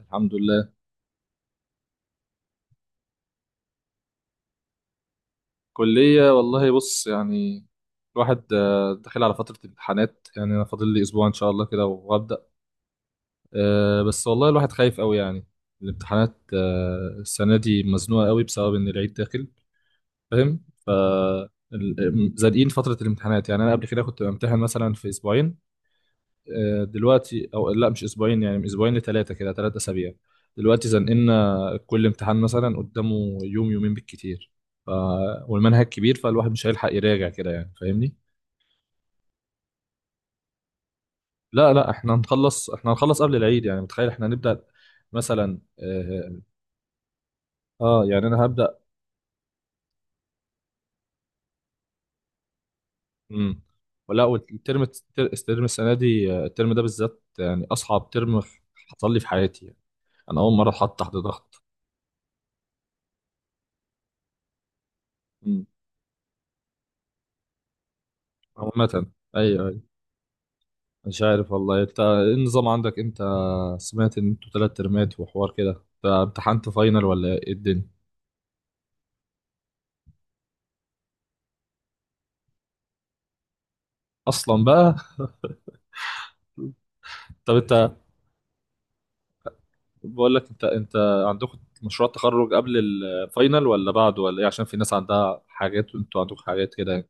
الحمد لله. كلية والله بص يعني الواحد، داخل على فترة امتحانات يعني أنا فاضل لي أسبوع إن شاء الله كده وهبدأ. بس والله الواحد خايف أوي يعني. الامتحانات السنة دي مزنوقة أوي بسبب إن العيد داخل. فاهم. ف زنقين فترة الامتحانات يعني أنا قبل كده كنت بامتحن مثلا في أسبوعين. دلوقتي او لا، مش اسبوعين، يعني من اسبوعين لثلاثه كده، ثلاثة اسابيع. دلوقتي زنقلنا كل امتحان مثلا قدامه يوم يومين بالكتير. ف... والمنهج كبير فالواحد مش هيلحق يراجع كده، يعني فاهمني. لا لا احنا هنخلص، قبل العيد يعني، متخيل احنا هنبدأ مثلا يعني انا هبدأ. امم. والترم، الترم السنه دي، الترم ده بالذات يعني اصعب ترم حصل لي في حياتي يعني. انا اول مره اتحط تحت ضغط. مم. عامه. ايوه أيوه. مش عارف والله، انت ايه النظام عندك؟ انت سمعت ان انتوا تلات ترمات وحوار كده؟ انت امتحنت فاينل ولا ايه الدنيا اصلا بقى؟ طب انت، بقول لك، انت عندكم مشروع تخرج قبل الفاينل ولا بعده ولا ايه؟ عشان في ناس عندها حاجات وانتوا عندكم حاجات كده يعني.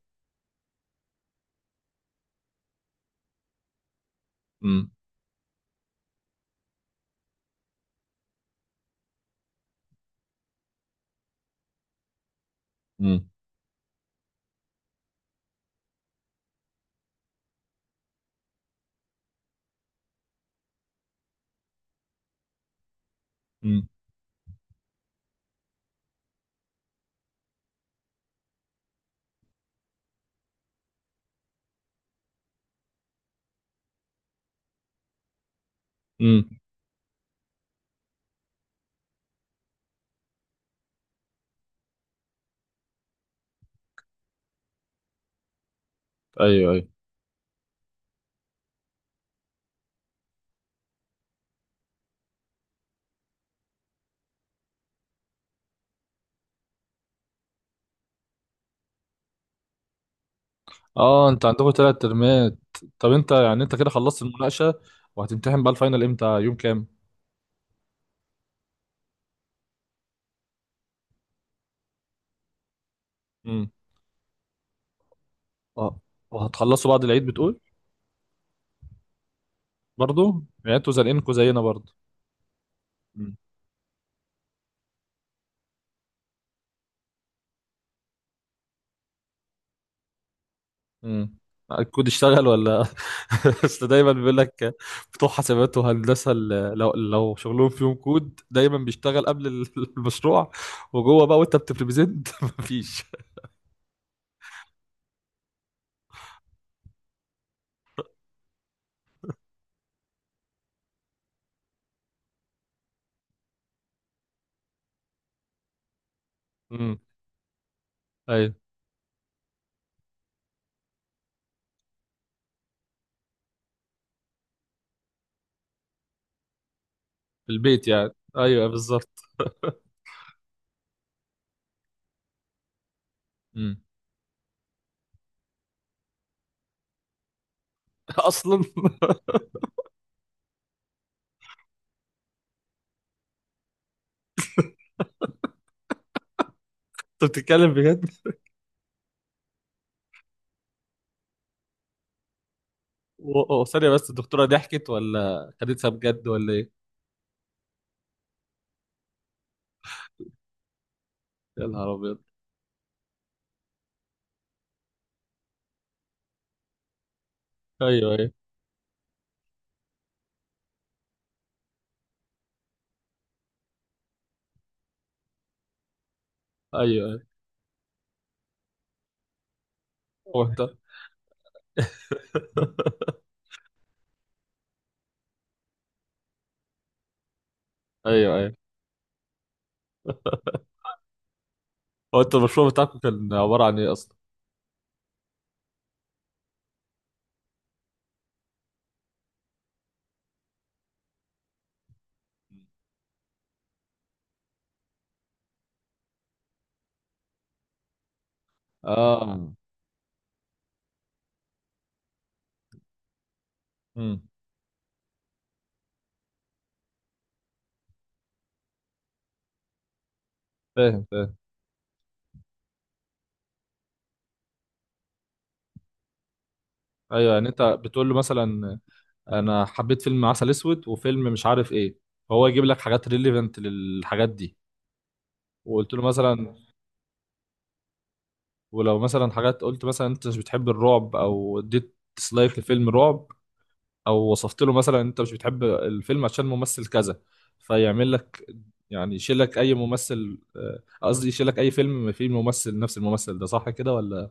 امم. امم. امم. امم. ايوه ايوه. اه، انت عندكم تلات ترمات. طب انت يعني، انت كده خلصت المناقشة وهتمتحن بقى الفاينل امتى، يوم كام؟ امم. اه. وهتخلصوا بعد العيد بتقول؟ برضه يعني انتوا زنقينكم زينا برضه. مم. الكود اشتغل ولا اصل دايما بيقول لك بتوع حسابات وهندسه، لو شغلهم فيهم كود دايما بيشتغل قبل المشروع. وجوه بقى وانت بتبريزنت مفيش. امم. ايوه. في البيت يعني. ايوه بالظبط. امم. اصلا انت بتتكلم بجد؟ ثانيه بس، الدكتوره ضحكت ولا خدتها بجد ولا ايه؟ يا نهار ابيض. ايوه ايوه. ايوه ايوه. هو انت ايوه ايوه. هو انت، المشروع بتاعكم كان عباره عن ايه اصلا؟ اه. امم. فاهم فاهم. ايوه، يعني انت بتقول له مثلا انا حبيت فيلم عسل اسود وفيلم مش عارف ايه، فهو يجيب لك حاجات ريليفنت للحاجات دي. وقلت له مثلا، ولو مثلا حاجات، قلت مثلا انت مش بتحب الرعب او اديت ديسلايك لفيلم رعب، او وصفت له مثلا انت مش بتحب الفيلم عشان ممثل كذا، فيعمل لك، يعني يشيل لك اي ممثل، قصدي يشيل لك اي فيلم فيه ممثل نفس الممثل ده. صح كده ولا؟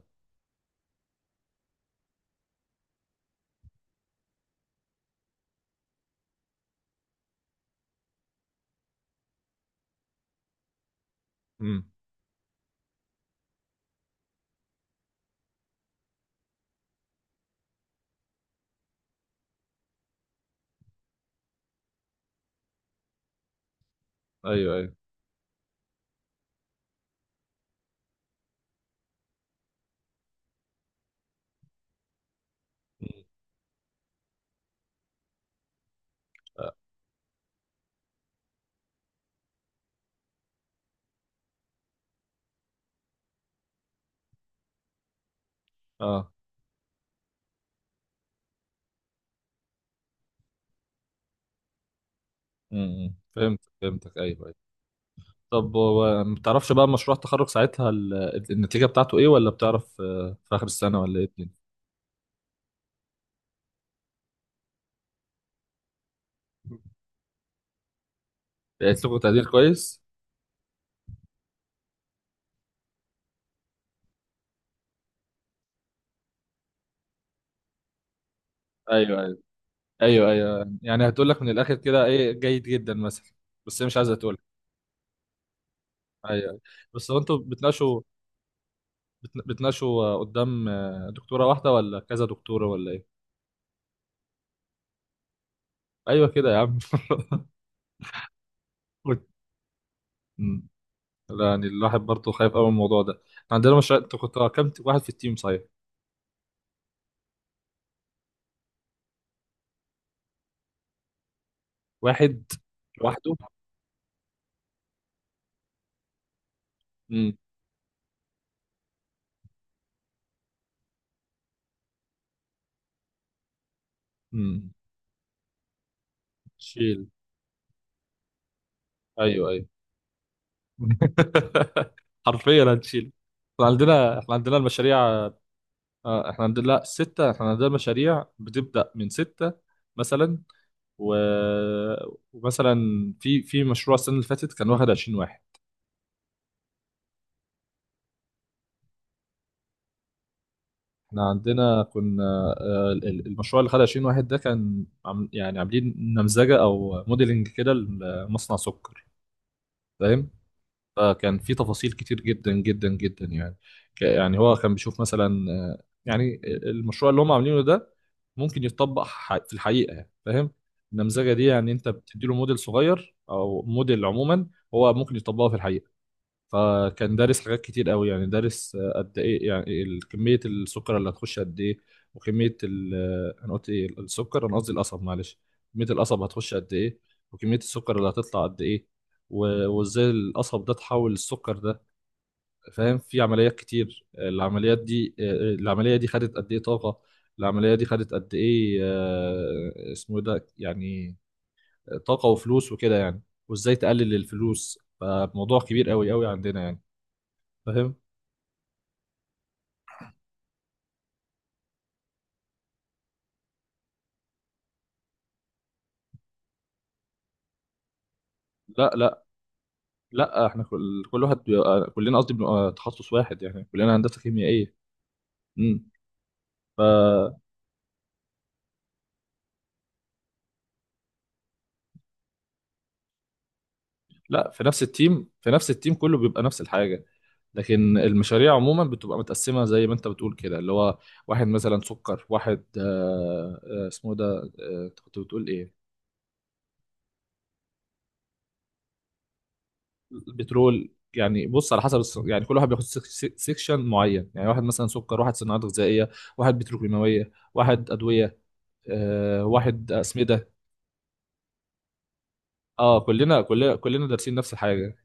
امم. ايوه ايوه. مم. اه. امم. فهمت فهمتك، ايوه أيوة. طب هو ما تعرفش بقى مشروع التخرج ساعتها النتيجة بتاعته ايه، ولا بتعرف في آخر السنة، ولا ايه الدنيا؟ لقيت لكم تقدير كويس؟ ايوه ايوه، ايوه ايوه، يعني هتقول لك من الآخر كده ايه، جيد جدا مثلا، بس هي مش عايزة تقول. ايوه أيوة. بس هو انتوا بتناقشوا، بتناقشوا قدام دكتورة واحدة ولا كذا دكتورة ولا ايه؟ ايوه كده يا عم أمم. لا يعني الواحد برضه خايف قوي من الموضوع ده. إحنا عندنا مشروع، انتوا كنتوا كام واحد في التيم صحيح؟ واحد. لوحده؟ امم. امم. ايوه ايوه. حرفيا هنشيل. احنا عندنا، المشاريع، احنا عندنا، لا، ستة. احنا عندنا المشاريع بتبدأ من ستة مثلا، و... ومثلا في مشروع السنة اللي فاتت كان واخد 20 واحد. احنا عندنا كنا المشروع اللي خد 20 واحد ده كان يعني عاملين نمذجة او موديلنج كده لمصنع سكر. فاهم. فكان في تفاصيل كتير جدا جدا جدا يعني، يعني هو كان بيشوف مثلا يعني المشروع اللي هم عاملينه ده ممكن يتطبق في الحقيقة، يعني فاهم. النمذجة دي، يعني انت بتدي له موديل صغير او موديل عموما، هو ممكن يطبقه في الحقيقة. فكان دارس حاجات كتير قوي، يعني دارس قد ايه يعني كمية السكر اللي هتخش قد ايه، وكمية انا قلت ايه، السكر، انا قصدي القصب، معلش. كمية القصب هتخش قد ايه، وكمية السكر اللي هتطلع قد ايه، وازاي القصب ده تحول السكر ده، فاهم. في عمليات كتير، العمليات دي، العملية دي خدت قد ايه طاقة، العملية دي خدت قد ايه اسمه إيه ده يعني، طاقة وفلوس وكده يعني، وازاي تقلل الفلوس. فموضوع كبير قوي قوي عندنا يعني، فاهم. لا لا لا، احنا كل واحد بيبقى، كلنا قصدي بنبقى تخصص واحد يعني، كلنا هندسه كيميائيه. امم. ف لا، في نفس التيم، في نفس التيم كله بيبقى نفس الحاجه. لكن المشاريع عموما بتبقى متقسمه زي ما انت بتقول كده، اللي هو واحد مثلا سكر، واحد اسمه ده، كنت بتقول ايه؟ بترول، يعني بص على حسب يعني كل واحد بياخد سيكشن معين، يعني واحد مثلا سكر، واحد صناعات غذائيه، واحد بتروكيماويه، واحد ادويه، واحد اسمده. اه، كلنا دارسين نفس الحاجه.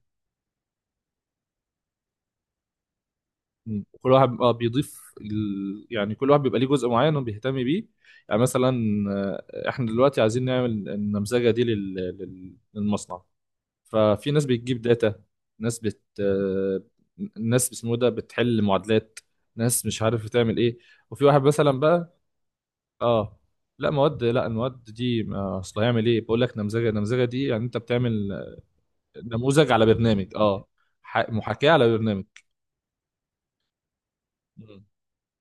مم. كل واحد اه بيضيف يعني كل واحد بيبقى ليه جزء معين وبيهتم بيه، يعني مثلا احنا دلوقتي عايزين نعمل النمذجه دي للمصنع. ففي ناس بتجيب داتا، ناس بت آه، ناس اسمه ده بتحل معادلات، ناس مش عارف بتعمل ايه، وفي واحد مثلا بقى. اه. لا مواد، لا، المواد دي، ما اصل هيعمل ايه، بقول لك نمذجه، النمذجه دي يعني انت بتعمل نموذج على برنامج، اه محاكاه على برنامج.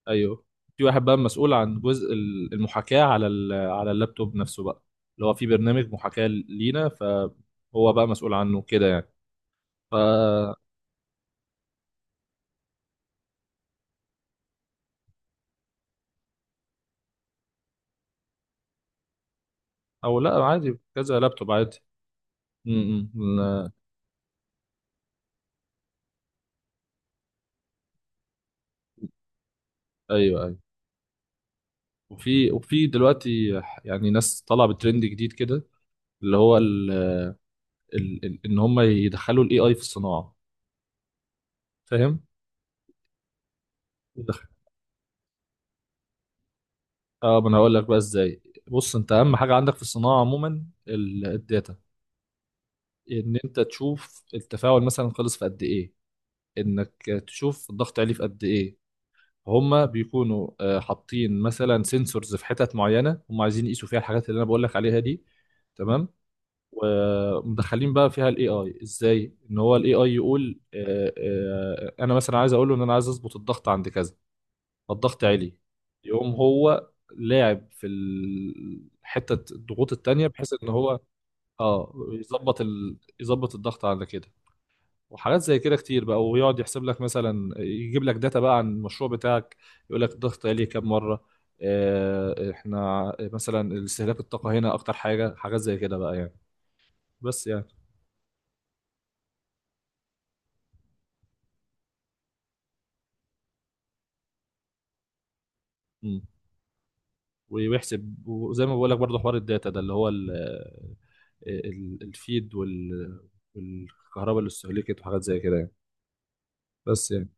ايوه. في واحد بقى مسؤول عن جزء المحاكاة على على اللابتوب نفسه بقى، اللي هو في برنامج محاكاة لينا، فهو بقى مسؤول عنه كده يعني. ف او لا، عادي كذا لابتوب عادي. لا. ايوه ايوه. وفي دلوقتي يعني ناس طالعه بترند جديد كده، اللي هو ان هم يدخلوا الاي اي في الصناعه، فاهم؟ يدخل- اه، ما انا هقول لك بقى ازاي. بص، انت اهم حاجه عندك في الصناعه عموما الداتا، ان انت تشوف التفاعل مثلا خلص في قد ايه، انك تشوف الضغط عليه في قد ايه. هما بيكونوا حاطين مثلا سنسورز في حتت معينه هم عايزين يقيسوا فيها الحاجات اللي انا بقول لك عليها دي، تمام. ومدخلين بقى فيها الاي اي ازاي، ان هو الاي اي يقول انا مثلا عايز اقول له ان انا عايز اظبط الضغط عند كذا، فالضغط عالي، يقوم هو لاعب في حته الضغوط التانية بحيث ان هو اه يظبط يظبط الضغط على كده. وحاجات زي كده كتير بقى، ويقعد يحسب لك مثلا، يجيب لك داتا بقى عن المشروع بتاعك، يقول لك الضغط عليه كام مره، احنا مثلا استهلاك الطاقه هنا اكتر حاجه، حاجات زي كده بقى يعني، بس يعني. مم. ويحسب، وزي ما بقول لك برضه حوار الداتا ده، اللي هو الفيد والكهرباء اللي استهلكت وحاجات زي كده يعني، بس يعني.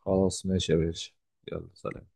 خلاص ماشي يا باشا، يلا سلام.